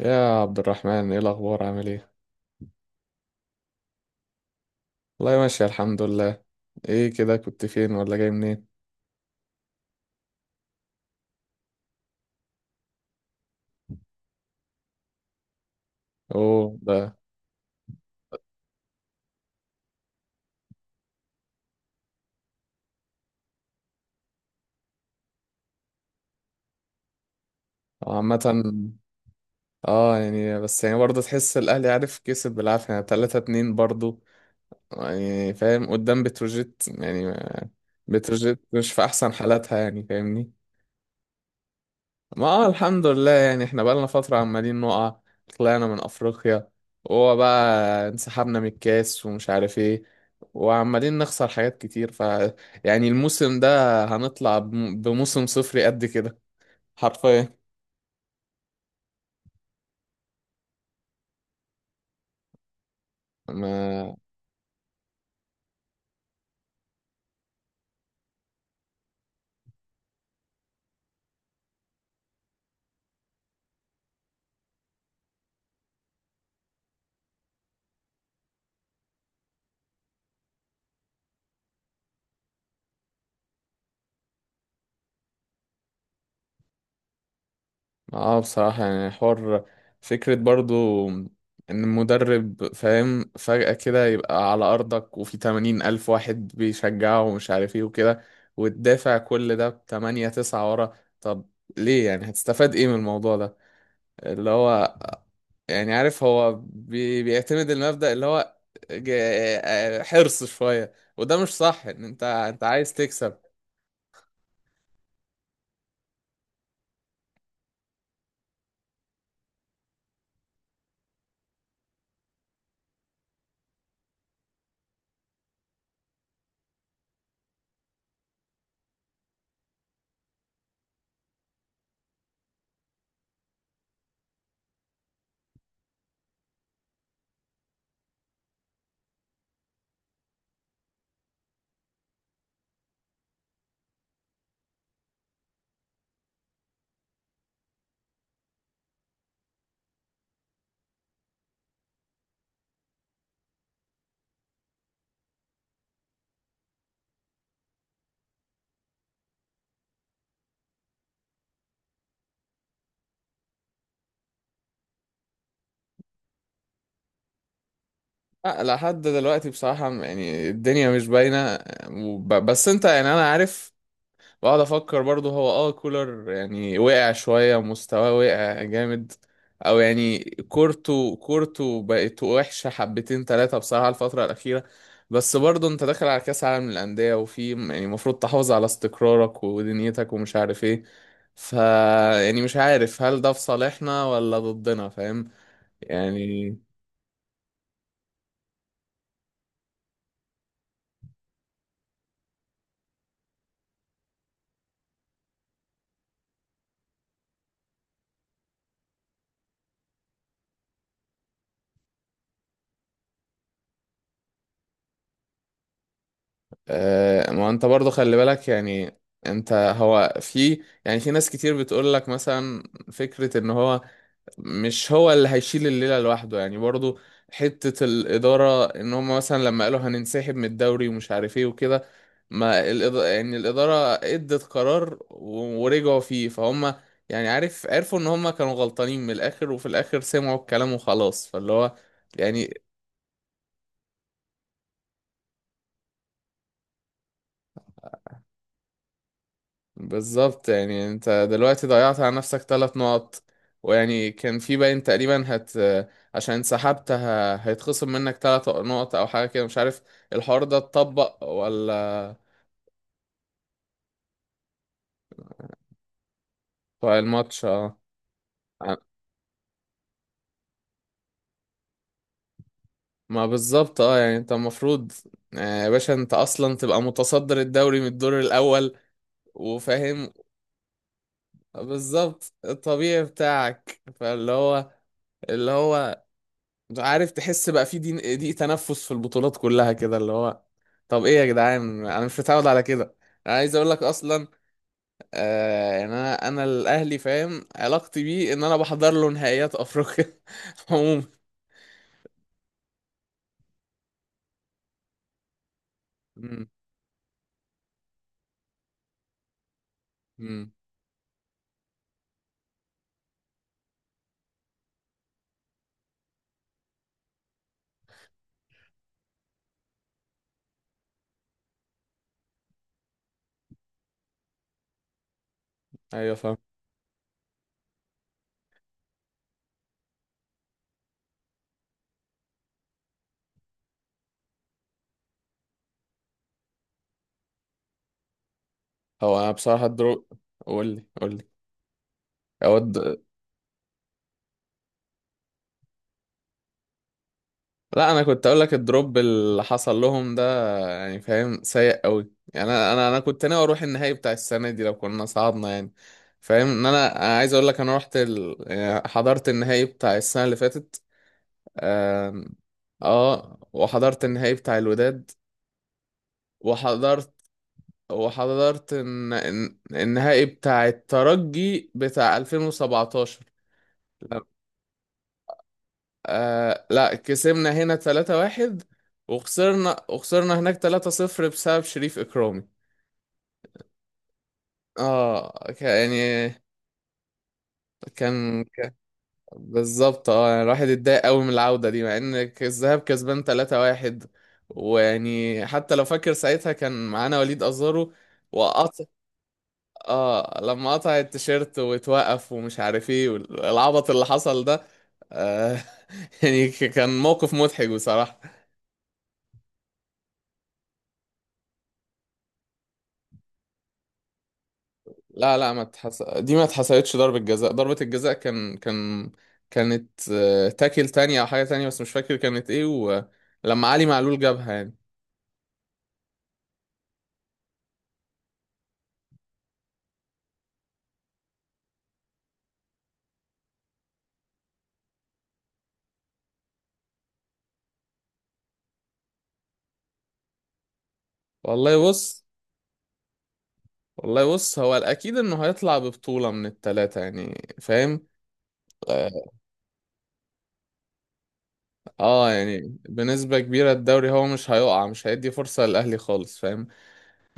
يا عبد الرحمن، ايه الاخبار؟ عامل ايه؟ والله ماشي، الحمد لله. ايه كده، كنت فين ولا جاي منين؟ اوه ده. عامة. اه، يعني بس يعني برضه تحس الاهلي عارف كسب بالعافية، يعني 3-2 برضه، يعني فاهم قدام بتروجيت يعني. بتروجيت مش في احسن حالاتها، يعني فاهمني. ما آه، الحمد لله. يعني احنا بقالنا فترة عمالين نقع، طلعنا من أفريقيا، وهو بقى انسحبنا من الكاس ومش عارف ايه، وعمالين نخسر حاجات كتير. ف يعني الموسم ده هنطلع بموسم صفري قد كده، حرفيا. ما اه، بصراحة يعني حوار، فكرة برضو ان المدرب فاهم فجأة كده يبقى على ارضك وفي 80 ألف واحد بيشجعه ومش عارف ايه وكده، وتدافع كل ده بتمانية تسعة ورا. طب ليه، يعني هتستفاد ايه من الموضوع ده اللي هو، يعني عارف هو بيعتمد المبدأ اللي هو حرص شوية، وده مش صح ان انت عايز تكسب. لا، لحد دلوقتي بصراحة يعني الدنيا مش باينة. بس انت يعني انا عارف، واقعد افكر برضه هو اه كولر يعني وقع شويه مستواه، وقع جامد. او يعني كورته بقت وحشه حبتين ثلاثه بصراحه الفتره الاخيره. بس برضه انت داخل على كاس عالم للانديه، وفي يعني المفروض تحافظ على استقرارك ودنيتك ومش عارف ايه. ف يعني مش عارف هل ده في صالحنا ولا ضدنا، فاهم يعني. آه، ما انت برضه خلي بالك يعني، هو في يعني في ناس كتير بتقول لك مثلا، فكره ان هو مش هو اللي هيشيل الليلة لوحده يعني برضو. حتة الإدارة إن هم مثلا لما قالوا هننسحب من الدوري ومش عارف إيه وكده. ما الإدارة يعني الإدارة إدت قرار ورجعوا فيه فهم، يعني عارف عرفوا إن هم كانوا غلطانين من الآخر وفي الآخر سمعوا الكلام وخلاص، فاللي هو يعني. بالظبط، يعني انت دلوقتي ضيعت على نفسك 3 نقط. ويعني كان في باين تقريبا عشان سحبت، هيتخصم منك 3 نقط او حاجه كده مش عارف. الحوار ده اتطبق ولا؟ بتوع الماتش اه. ما بالظبط اه، يعني انت المفروض آه، يا باشا انت اصلا تبقى متصدر الدوري من الدور الاول، وفاهم. بالظبط الطبيعي بتاعك، فاللي هو، اللي هو عارف تحس بقى في دي تنفس في البطولات كلها كده. اللي هو طب ايه يا جدعان، انا مش متعود على كده. انا عايز اقول لك اصلا آه يعني انا الاهلي، فاهم علاقتي بيه ان انا بحضر له نهائيات افريقيا عموما. امم امم، ايوه فاهم. هو انا بصراحه قول لي، قول لي. لا انا كنت اقول لك الدروب اللي حصل لهم ده يعني فاهم سيء قوي. يعني انا كنت ناوي اروح النهائي بتاع السنه دي لو كنا صعدنا يعني، فاهم ان انا، أنا عايز اقول لك انا رحت، يعني حضرت النهائي بتاع السنه اللي فاتت. آم، اه وحضرت النهائي بتاع الوداد. وحضرت وحضرت النهائي بتاع الترجي بتاع 2017. آه لا، كسبنا هنا 3-1، وخسرنا هناك 3-0 بسبب شريف إكرامي. اه يعني كان بالظبط اه يعني الواحد اتضايق قوي من العودة دي مع ان الذهاب كسبان 3-1. ويعني حتى لو فاكر ساعتها كان معانا وليد أزارو، وقطع. اه لما قطع التيشيرت واتوقف ومش عارف ايه والعبط اللي حصل ده. آه يعني كان موقف مضحك بصراحة. لا لا، ما اتحس... دي ما اتحسبتش ضربة جزاء. ضربة الجزاء كان كانت آه، تاكل تانية أو حاجة تانية بس مش فاكر كانت إيه، ولما علي معلول جابها يعني. والله بص. والله بص، هو الأكيد إنه هيطلع ببطولة من التلاتة يعني فاهم. آه، آه، يعني بنسبة كبيرة الدوري هو مش هيقع، مش هيدي فرصة للأهلي خالص فاهم.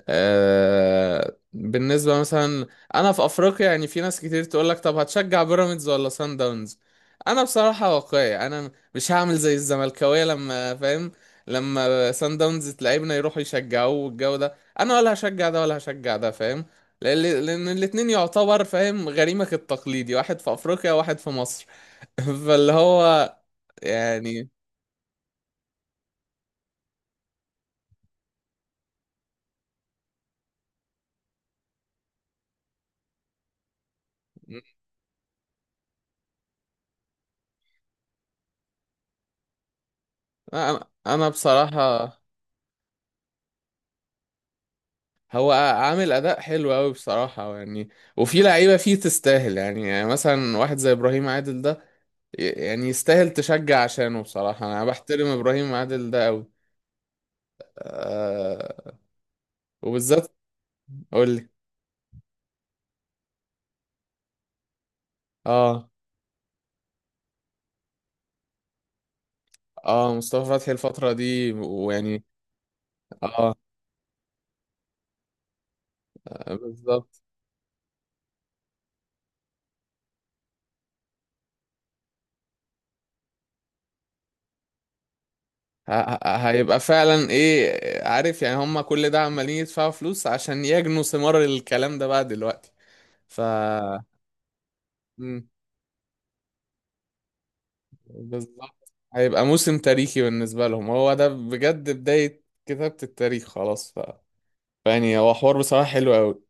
آه، بالنسبة مثلا أنا في أفريقيا، يعني في ناس كتير تقولك طب هتشجع بيراميدز ولا سان داونز. أنا بصراحة واقعي، أنا مش هعمل زي الزملكاوية لما فاهم، لما سان داونز تلاعبنا يروحوا يشجعوه والجو ده. أنا ولا هشجع ده ولا هشجع ده، فاهم، لأن الاتنين يعتبر فاهم غريمك التقليدي، واحد في أفريقيا وواحد في مصر. فاللي هو، يعني. أنا بصراحة، هو عامل اداء حلو قوي بصراحه يعني، وفي لعيبه فيه تستاهل، يعني مثلا واحد زي ابراهيم عادل ده، يعني يستاهل تشجع عشانه. بصراحه انا بحترم ابراهيم عادل ده قوي. آه وبالذات. قول لي. اه اه مصطفى فتحي الفتره دي ويعني. اه بالظبط ه- هيبقى فعلا ايه عارف، يعني هم كل ده عمالين يدفعوا فلوس عشان يجنوا ثمار الكلام ده بقى دلوقتي. ف بالظبط هيبقى موسم تاريخي بالنسبة لهم، هو ده بجد بداية كتابة التاريخ خلاص بقى. يعني هو حوار بصراحة حلو أوي.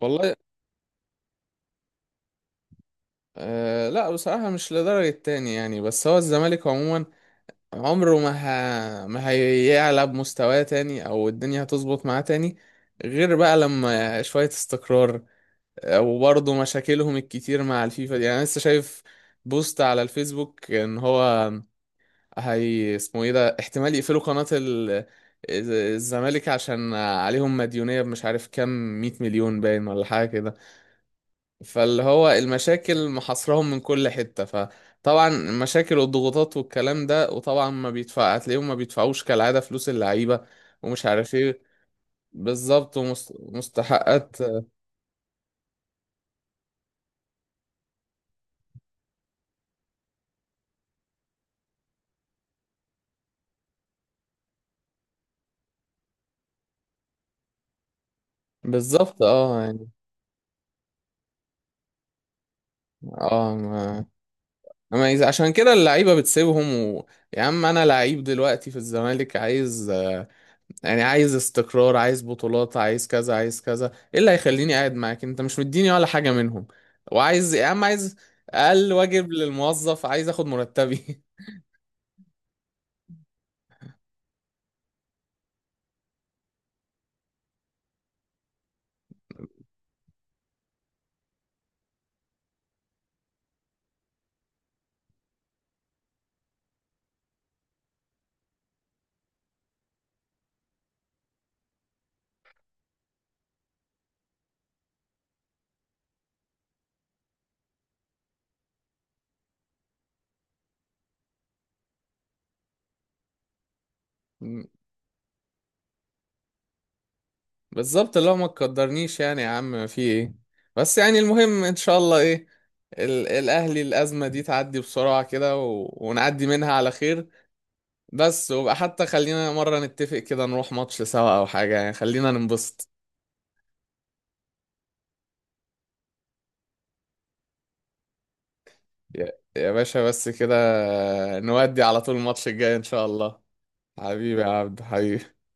والله آه لا، بصراحة مش لدرجة تاني يعني. بس هو الزمالك عموما عمره ما ما هيعلى بمستواه تاني أو الدنيا هتظبط معاه تاني، غير بقى لما شوية استقرار. آه، وبرضه مشاكلهم الكتير مع الفيفا دي، يعني أنا لسه شايف بوست على الفيسبوك إن هو، هي اسمه ايه ده، احتمال يقفلوا قناة الزمالك عشان عليهم مديونية، مش عارف كام 100 مليون باين ولا حاجة كده. فاللي هو المشاكل محاصرهم من كل حتة، فطبعا المشاكل والضغوطات والكلام ده وطبعا ما بيدفع، هتلاقيهم ما بيدفعوش كالعادة فلوس اللعيبة، ومش عارف ايه. بالظبط، ومستحقات. بالظبط اه يعني. اه ما ما يز- عشان كده اللعيبة بتسيبهم يا عم، انا لعيب دلوقتي في الزمالك عايز، يعني عايز استقرار، عايز بطولات، عايز كذا عايز كذا، ايه اللي هيخليني قاعد معاك انت مش مديني ولا حاجة منهم؟ وعايز يا عم عايز، اقل واجب للموظف، عايز اخد مرتبي. بالظبط، اللي هو ما تقدرنيش يعني، يا عم في ايه. بس يعني المهم ان شاء الله ايه، الاهلي الازمة دي تعدي بسرعة كده ونعدي منها على خير. بس وبقى، حتى خلينا مرة نتفق كده نروح ماتش سوا او حاجة، يعني خلينا ننبسط. يا باشا بس كده، نودي على طول الماتش الجاي ان شاء الله. حبيبي يا عبد حبيبي.